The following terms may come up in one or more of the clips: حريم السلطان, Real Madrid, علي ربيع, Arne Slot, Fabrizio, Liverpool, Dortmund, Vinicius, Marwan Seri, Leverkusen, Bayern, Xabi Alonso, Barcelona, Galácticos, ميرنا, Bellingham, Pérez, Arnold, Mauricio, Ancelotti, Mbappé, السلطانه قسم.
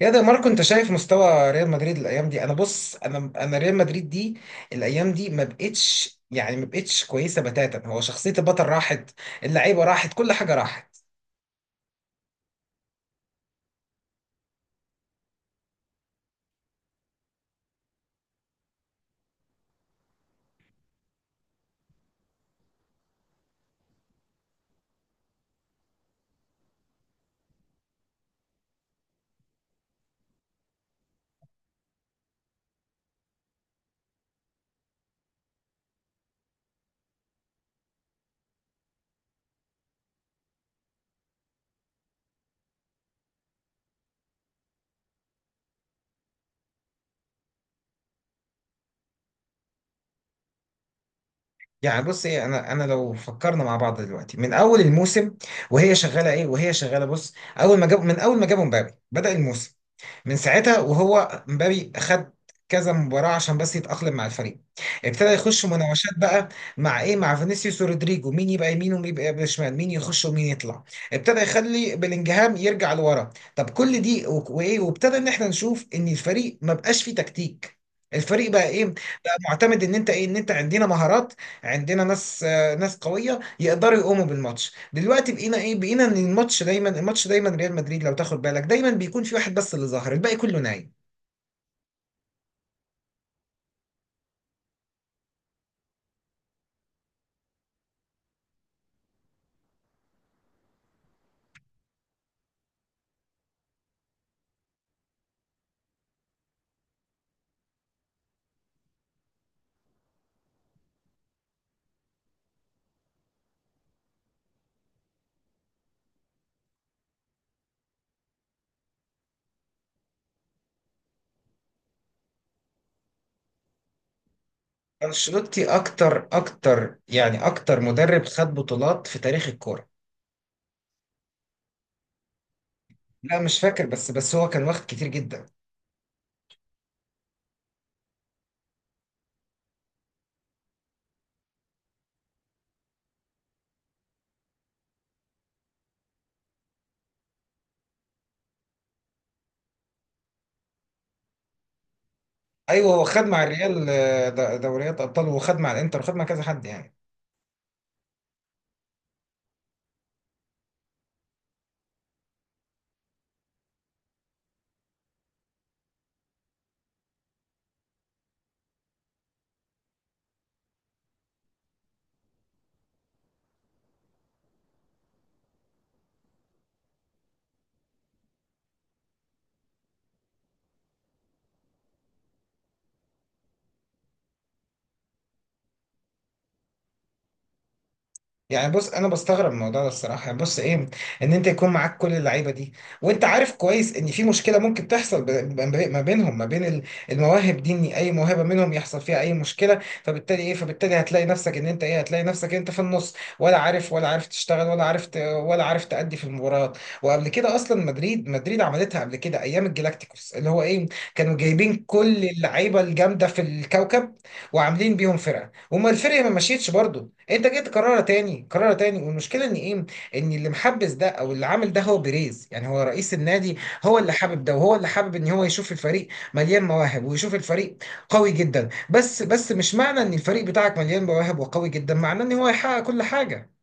يا ده ماركو، انت شايف مستوى ريال مدريد الايام دي؟ انا بص، انا ريال مدريد دي الايام دي ما بقتش، ما بقتش كويسه بتاتا. هو شخصيه البطل راحت، اللعيبه راحت، كل حاجه راحت. يعني بص ايه، انا لو فكرنا مع بعض دلوقتي من اول الموسم وهي شغاله بص. اول ما جاب من اول ما جابوا مبابي بدأ الموسم، من ساعتها وهو مبابي خد كذا مباراة عشان بس يتأقلم مع الفريق. ابتدى يخش مناوشات بقى، مع ايه؟ مع فينيسيوس ورودريجو، مين يبقى يمين ومين يبقى شمال، مين يخش ومين يطلع. ابتدى يخلي بلينجهام يرجع لورا. طب كل دي وايه، وابتدى ان احنا نشوف ان الفريق ما بقاش فيه تكتيك. الفريق بقى ايه؟ بقى معتمد ان انت ايه، ان انت عندنا مهارات، عندنا ناس قويه يقدروا يقوموا بالماتش. دلوقتي بقينا ايه؟ بقينا ان الماتش دايما ريال مدريد لو تاخد بالك دايما بيكون في واحد بس اللي ظاهر، الباقي كله نايم. انشيلوتي اكتر مدرب خد بطولات في تاريخ الكوره. لا مش فاكر، بس هو كان واخد كتير جدا. ايوه، هو خد مع الريال دوريات ابطال، وخد مع الانتر، وخد مع كذا حد يعني. يعني بص، انا بستغرب من الموضوع ده الصراحه. يعني بص ايه، ان انت يكون معاك كل اللعيبه دي، وانت عارف كويس ان في مشكله ممكن تحصل ما بين المواهب دي. ان اي موهبه منهم يحصل فيها اي مشكله، فبالتالي ايه، هتلاقي نفسك ان انت ايه، هتلاقي نفسك انت في النص، ولا عارف، تشتغل، ولا عارف تأدي في المباريات. وقبل كده اصلا، مدريد عملتها قبل كده ايام الجلاكتيكوس، اللي هو ايه، كانوا جايبين كل اللعيبه الجامده في الكوكب وعاملين بيهم فرقه، وما الفرقه ما مشيتش برضه. انت جيت تكررها تاني، كررها تاني. والمشكله ان ايه، ان اللي محبس ده او اللي عامل ده هو بيريز، يعني هو رئيس النادي. هو اللي حابب ده، وهو اللي حابب ان هو يشوف الفريق مليان مواهب، ويشوف الفريق قوي جدا. بس مش معنى ان الفريق بتاعك مليان مواهب وقوي جدا، معناه ان هو يحقق كل حاجه.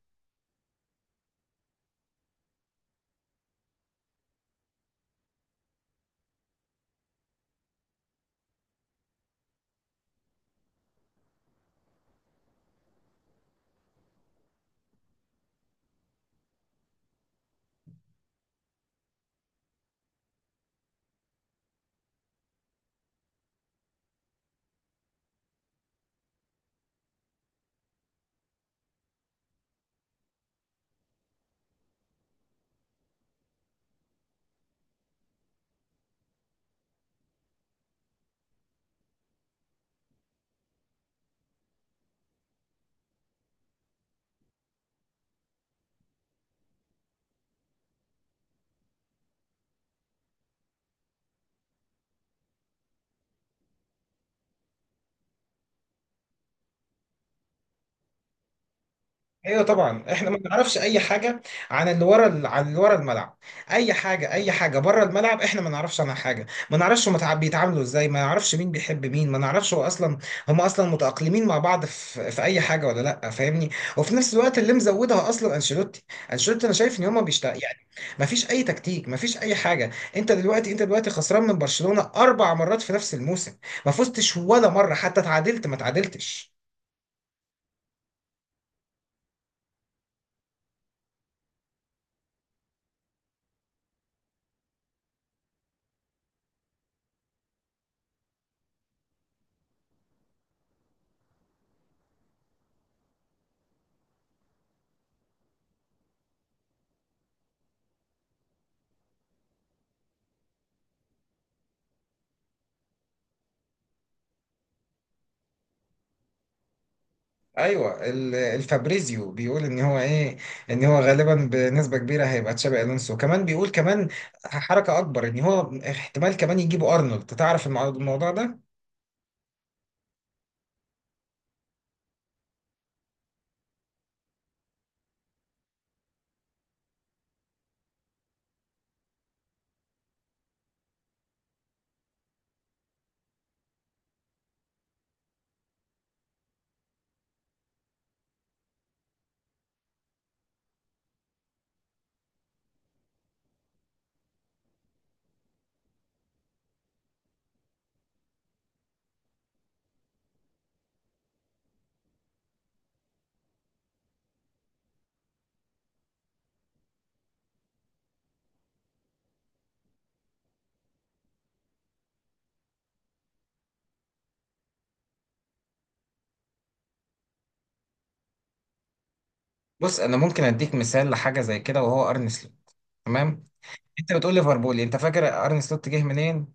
ايوه طبعا، احنا ما نعرفش اي حاجه عن اللي ورا الملعب. اي حاجه، بره الملعب، احنا ما نعرفش عنها حاجه. ما نعرفش هم بيتعاملوا ازاي، ما نعرفش مين بيحب مين، ما نعرفش هو اصلا هم اصلا متاقلمين مع بعض في اي حاجه ولا لا، فاهمني؟ وفي نفس الوقت اللي مزودها اصلا انشيلوتي، انا شايف ان هم بيشت يعني. ما فيش اي تكتيك، ما فيش اي حاجه. انت دلوقتي خسران من برشلونه 4 مرات في نفس الموسم، ما فزتش ولا مره، حتى تعادلت ما تعادلتش. ايوه، الفابريزيو بيقول ان هو ايه، ان هو غالبا بنسبه كبيره هيبقى تشابي الونسو. كمان بيقول، كمان حركه اكبر، ان هو احتمال كمان يجيبوا ارنولد، تعرف الموضوع ده؟ بص، انا ممكن اديك مثال لحاجه زي كده، وهو ارن سلوت، تمام. انت بتقول ليفربول، انت فاكر ارن سلوت جه منين؟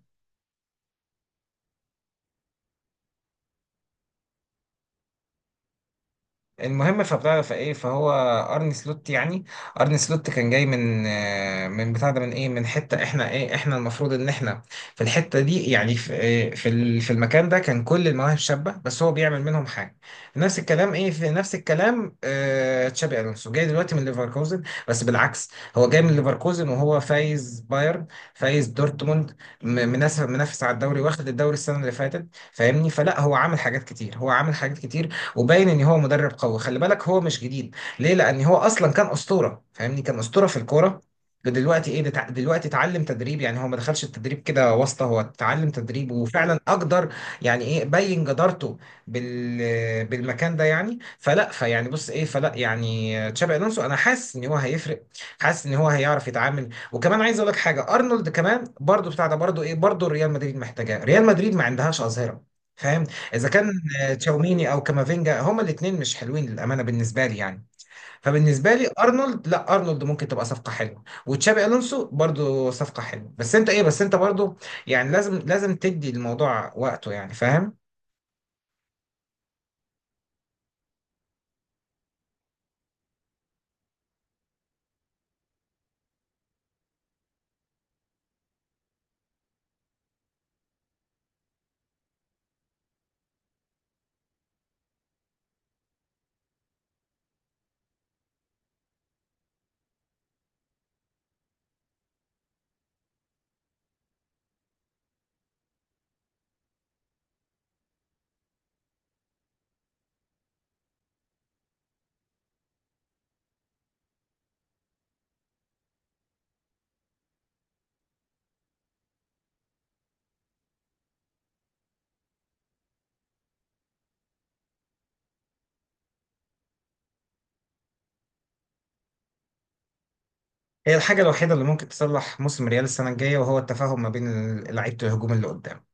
المهم، فبتعرف ايه، فهو ارني سلوت يعني، ارني سلوت كان جاي من آه، من بتاع ده من ايه من حته، احنا ايه، المفروض ان احنا في الحته دي. يعني في في المكان ده كان كل المواهب شابه، بس هو بيعمل منهم حاجه. نفس الكلام ايه، في نفس الكلام آه، تشابي الونسو جاي دلوقتي من ليفركوزن، بس بالعكس. هو جاي من ليفركوزن وهو فايز بايرن، فايز دورتموند، منافس، على الدوري، واخد الدوري السنه اللي فاتت. فاهمني، فلا هو عامل حاجات كتير، وباين ان هو مدرب قوي. خلي بالك، هو مش جديد، ليه؟ لان هو اصلا كان اسطوره، فاهمني، كان اسطوره في الكوره. دلوقتي ايه، دلوقتي اتعلم تدريب. يعني هو ما دخلش التدريب كده واسطه، هو اتعلم تدريب وفعلا اقدر يعني ايه، بين جدارته بالمكان ده. يعني فلا فيعني بص ايه فلا يعني تشابي الونسو انا حاسس ان هو هيفرق، حاسس ان هو هيعرف يتعامل. وكمان عايز اقول لك حاجه، ارنولد كمان برضو بتاع ده، برضو ايه، برضو ريال مدريد محتاجاه. ريال مدريد ما عندهاش اظهره، فاهم؟ اذا كان تشاوميني او كامافينجا، هما الاثنين مش حلوين للامانه بالنسبه لي يعني. فبالنسبه لي ارنولد، لا، ارنولد ممكن تبقى صفقه حلوه، وتشابي الونسو برضو صفقه حلوه. بس انت ايه، بس انت برضو يعني لازم تدي الموضوع وقته، يعني فاهم؟ هي الحاجه الوحيده اللي ممكن تصلح موسم ريال السنه الجايه، وهو التفاهم ما بين لعيبه الهجوم اللي قدام.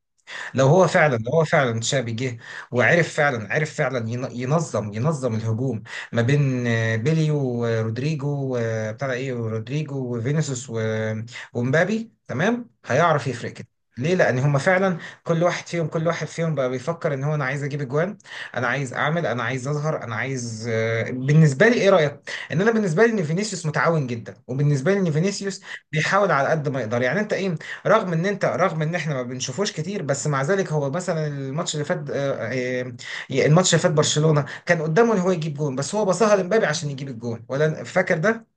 لو هو فعلا تشابي جه، وعرف فعلا، عرف فعلا ينظم الهجوم ما بين بيلي ورودريجو وبتاع ده ايه ورودريجو وفينيسيوس ومبابي، تمام، هيعرف يفرق كده. ليه؟ لان هما فعلا كل واحد فيهم بقى بيفكر ان هو انا عايز اجيب اجوان، انا عايز اعمل، انا عايز اظهر، انا عايز بالنسبه لي ايه رايك؟ ان انا بالنسبه لي ان فينيسيوس متعاون جدا، وبالنسبه لي ان فينيسيوس بيحاول على قد ما يقدر. يعني انت ايه، رغم ان احنا ما بنشوفوش كتير. بس مع ذلك هو مثلا الماتش اللي فات برشلونة كان قدامه ان هو يجيب جون، بس هو باصها لمبابي عشان يجيب الجون، ولا فاكر ده؟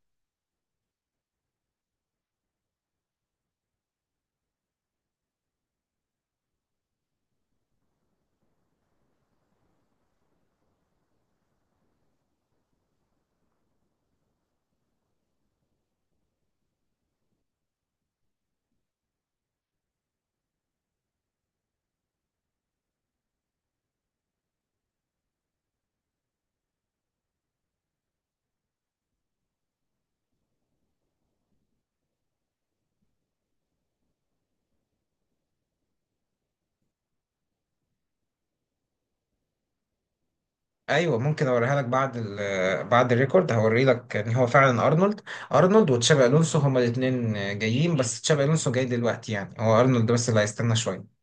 ايوه ممكن اوريها لك بعد الريكورد، هوري لك ان هو فعلا ارنولد، وتشابي الونسو هما الاثنين جايين. بس تشابي الونسو جاي دلوقتي، يعني هو ارنولد بس اللي هيستنى شويه.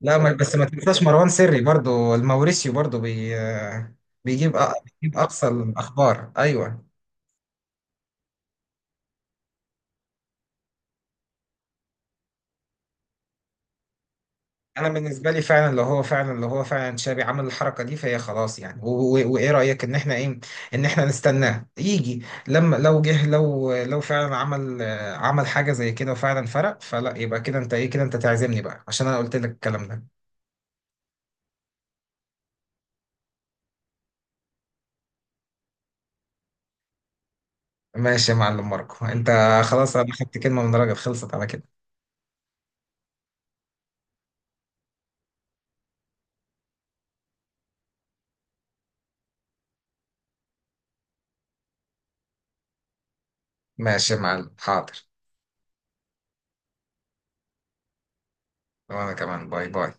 لا بس ما تنساش مروان سري برضو، الموريسيو برضو بي آه، بيجيب أ- بيجيب اقصى الاخبار، ايوه. انا بالنسبه لي فعلا، لو هو فعلا شابي عمل الحركه دي، فهي خلاص يعني. وايه رايك، ان احنا نستناه يجي؟ لما لو جه، لو فعلا عمل حاجه زي كده وفعلا فرق، فلا يبقى كده انت ايه، كده انت تعزمني بقى عشان انا قلت لك الكلام ده. ماشي يا معلم ماركو. انت خلاص، انا خدت كلمه من راجل، خلصت على كده. ماشي يا معلم، حاضر. وانا كمان، باي باي.